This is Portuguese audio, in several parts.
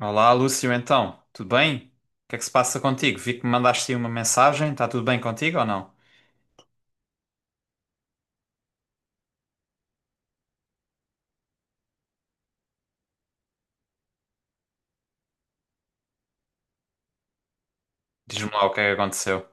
Olá, Lúcio, então, tudo bem? O que é que se passa contigo? Vi que me mandaste aí uma mensagem, está tudo bem contigo ou não? Diz-me lá o que é que aconteceu.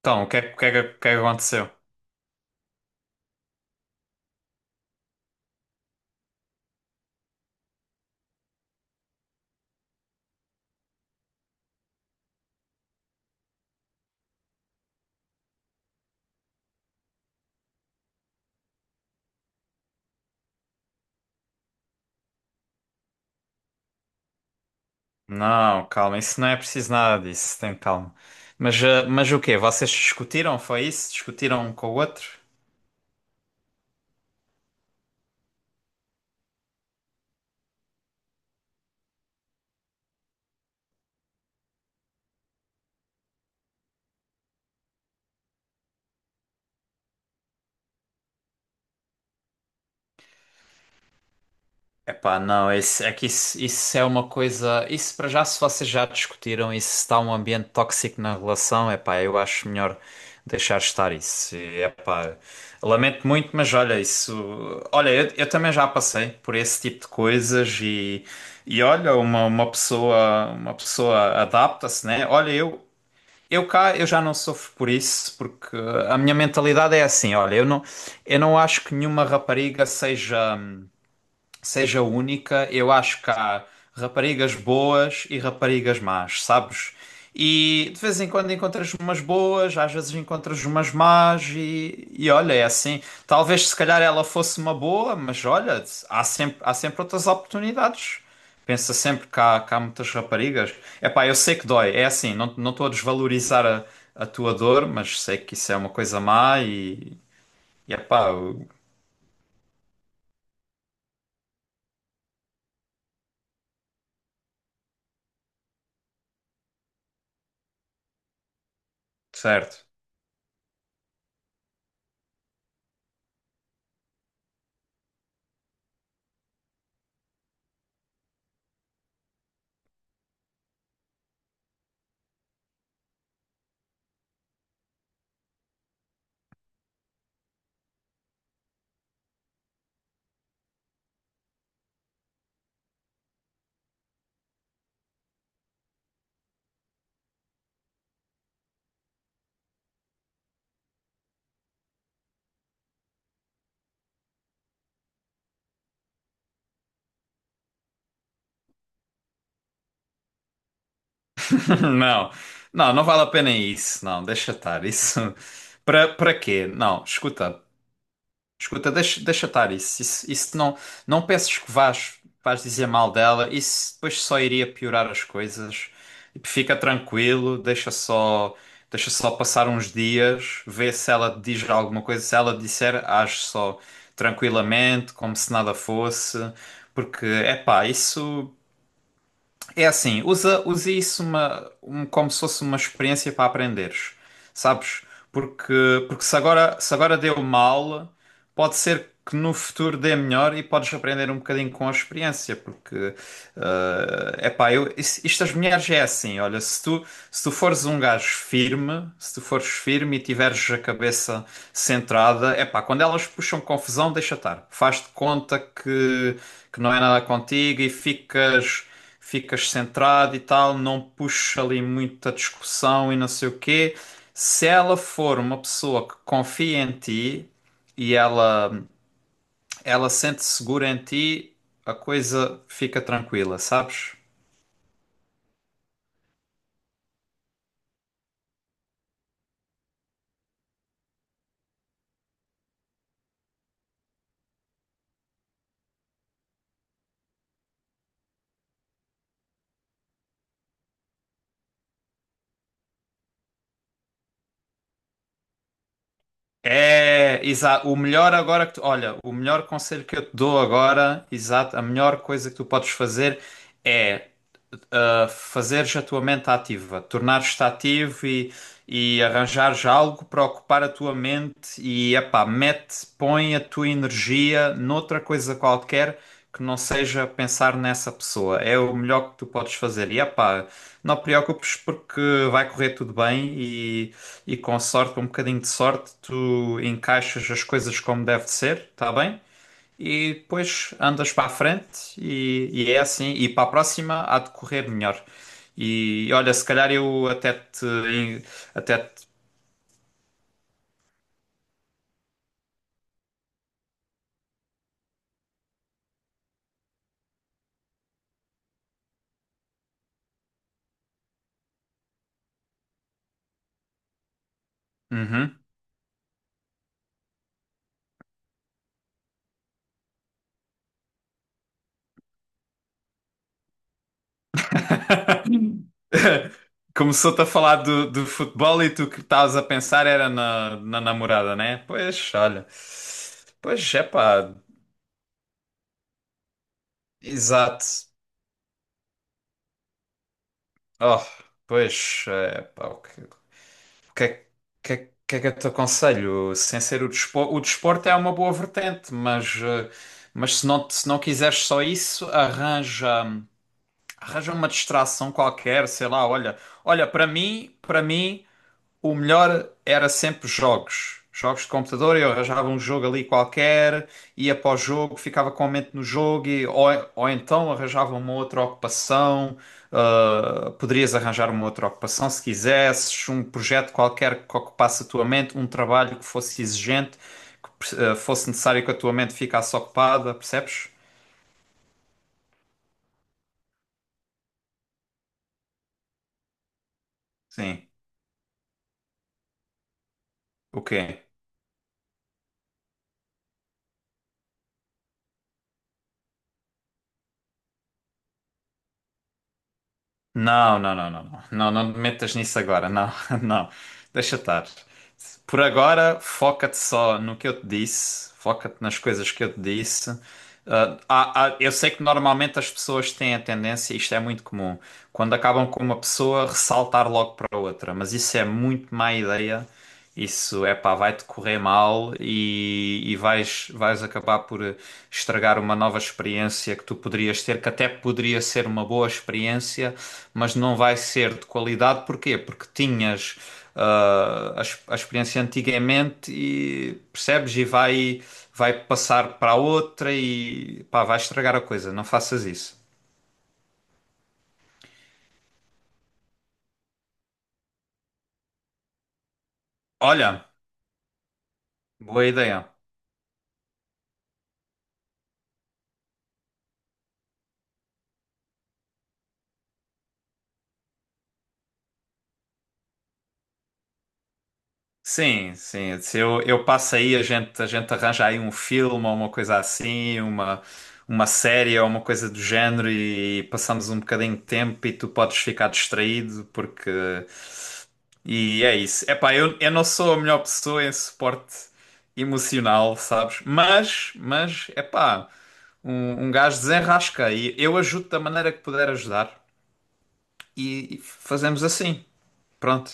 Então, o que é que aconteceu? Não, calma, isso não é preciso nada disso, tem calma. Mas o quê? Vocês discutiram, foi isso? Discutiram um com o outro? Epá, não, é que isso é uma coisa. Isso para já, se vocês já discutiram e se está um ambiente tóxico na relação, epá, eu acho melhor deixar estar isso. E, epá, lamento muito, mas olha, isso. Olha, eu também já passei por esse tipo de coisas e olha, uma pessoa adapta-se, né? Olha, eu. Eu cá, eu já não sofro por isso, porque a minha mentalidade é assim, olha, eu não acho que nenhuma rapariga seja única. Eu acho que há raparigas boas e raparigas más, sabes? E de vez em quando encontras umas boas, às vezes encontras umas más, e olha, é assim. Talvez se calhar ela fosse uma boa, mas olha, há sempre outras oportunidades. Pensa sempre que há muitas raparigas. Epá, eu sei que dói, é assim, não estou a desvalorizar a tua dor, mas sei que isso é uma coisa má e epá, eu- certo. Não, não, não vale a pena isso. Não, deixa estar. Isso para quê? Não, escuta, escuta, deixa estar isso. Isso não peças que vás dizer mal dela. Isso depois só iria piorar as coisas. Tipo, fica tranquilo, deixa só passar uns dias, vê se ela te diz alguma coisa. Se ela te disser, age só tranquilamente, como se nada fosse. Porque, é pá, isso. É assim, usa isso como se fosse uma experiência para aprenderes, sabes? Porque se agora deu mal, pode ser que no futuro dê melhor e podes aprender um bocadinho com a experiência, porque, é epá, isto das mulheres é assim, olha, se tu fores um gajo firme, se tu fores firme e tiveres a cabeça centrada. É pá, quando elas puxam confusão, deixa estar. Faz de conta que não é nada contigo e ficas centrado e tal, não puxa ali muita discussão e não sei o quê. Se ela for uma pessoa que confia em ti e ela sente-se segura em ti, a coisa fica tranquila, sabes? É, exato. O melhor agora que tu, olha, o melhor conselho que eu te dou agora, exato, a melhor coisa que tu podes fazer é fazeres a tua mente ativa, tornares-te ativo e arranjares algo para ocupar a tua mente e, epá, põe a tua energia noutra coisa qualquer que não seja pensar nessa pessoa. É o melhor que tu podes fazer. E, epá, não te preocupes porque vai correr tudo bem e com sorte, com um bocadinho de sorte, tu encaixas as coisas como deve de ser, tá bem? E depois andas para a frente e é assim. E para a próxima há de correr melhor. E olha, se calhar eu até te. Até te- Uhum. Começou-te a falar do futebol e tu que estavas a pensar era na namorada, né? Pois, olha. Pois, é pá, exato. Oh, pois, é pá, ok. O que é que eu te aconselho? Sem ser o desporto é uma boa vertente, mas se não, se não quiseres só isso, arranja uma distração qualquer, sei lá, olha, olha, para mim o melhor era sempre jogos. Jogos de computador, eu arranjava um jogo ali qualquer, ia para o jogo, ficava com a mente no jogo, ou então arranjava uma outra ocupação. Poderias arranjar uma outra ocupação se quisesses, um projeto qualquer que ocupasse a tua mente, um trabalho que fosse exigente, que fosse necessário que a tua mente ficasse ocupada, percebes? Sim. O quê? Não, não, não, não, não, não, não te metas nisso agora, não, não, deixa estar. Por agora, foca-te só no que eu te disse, foca-te nas coisas que eu te disse. Eu sei que normalmente as pessoas têm a tendência, isto é muito comum, quando acabam com uma pessoa, ressaltar logo para outra, mas isso é muito má ideia. Isso é pá, vai-te correr mal e vais acabar por estragar uma nova experiência que tu poderias ter, que até poderia ser uma boa experiência, mas não vai ser de qualidade. Porquê? Porque tinhas a experiência antigamente e percebes e vai passar para outra e pá, vai estragar a coisa. Não faças isso. Olha, boa ideia. Sim, sim. Se eu passo aí, a gente arranja aí um filme ou uma coisa assim, uma série ou uma coisa do género e passamos um bocadinho de tempo e tu podes ficar distraído porque. E é isso. Epá, eu não sou a melhor pessoa em suporte emocional, sabes? Mas, epá, um gajo desenrasca e eu ajudo da maneira que puder ajudar. E fazemos assim. Pronto.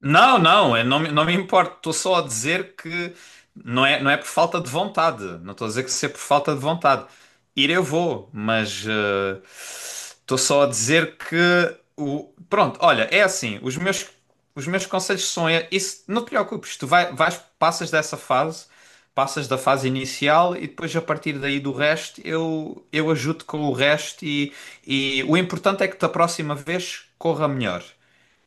Não, não, eu não me importo. Estou só a dizer que não é por falta de vontade. Não estou a dizer que se é por falta de vontade. Ir eu vou, mas estou só a dizer. Pronto, olha, é assim, os meus conselhos são isso, não te preocupes, tu vais, passas dessa fase, passas da fase inicial e depois a partir daí do resto eu ajudo com o resto e o importante é que da próxima vez corra melhor.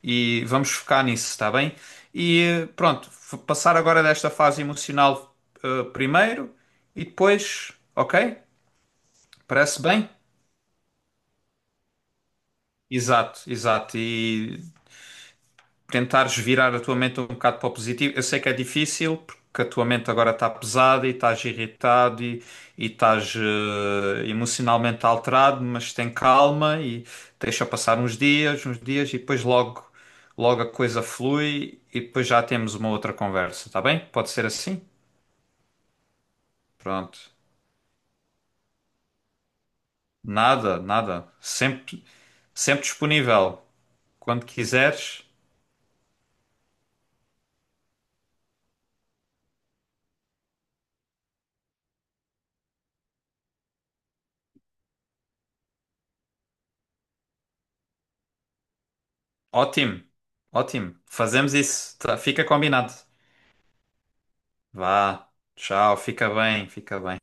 E vamos focar nisso, está bem? E pronto, passar agora desta fase emocional primeiro e depois, ok? Parece bem? Exato, exato. E tentares virar a tua mente um bocado para o positivo. Eu sei que é difícil, porque a tua mente agora está pesada e estás irritado e estás emocionalmente alterado, mas tem calma e deixa passar uns dias e depois logo, logo a coisa flui e depois já temos uma outra conversa, está bem? Pode ser assim? Pronto. Nada, nada. Sempre, sempre disponível. Quando quiseres. Ótimo, ótimo. Fazemos isso. Tá, fica combinado. Vá, tchau, fica bem, fica bem.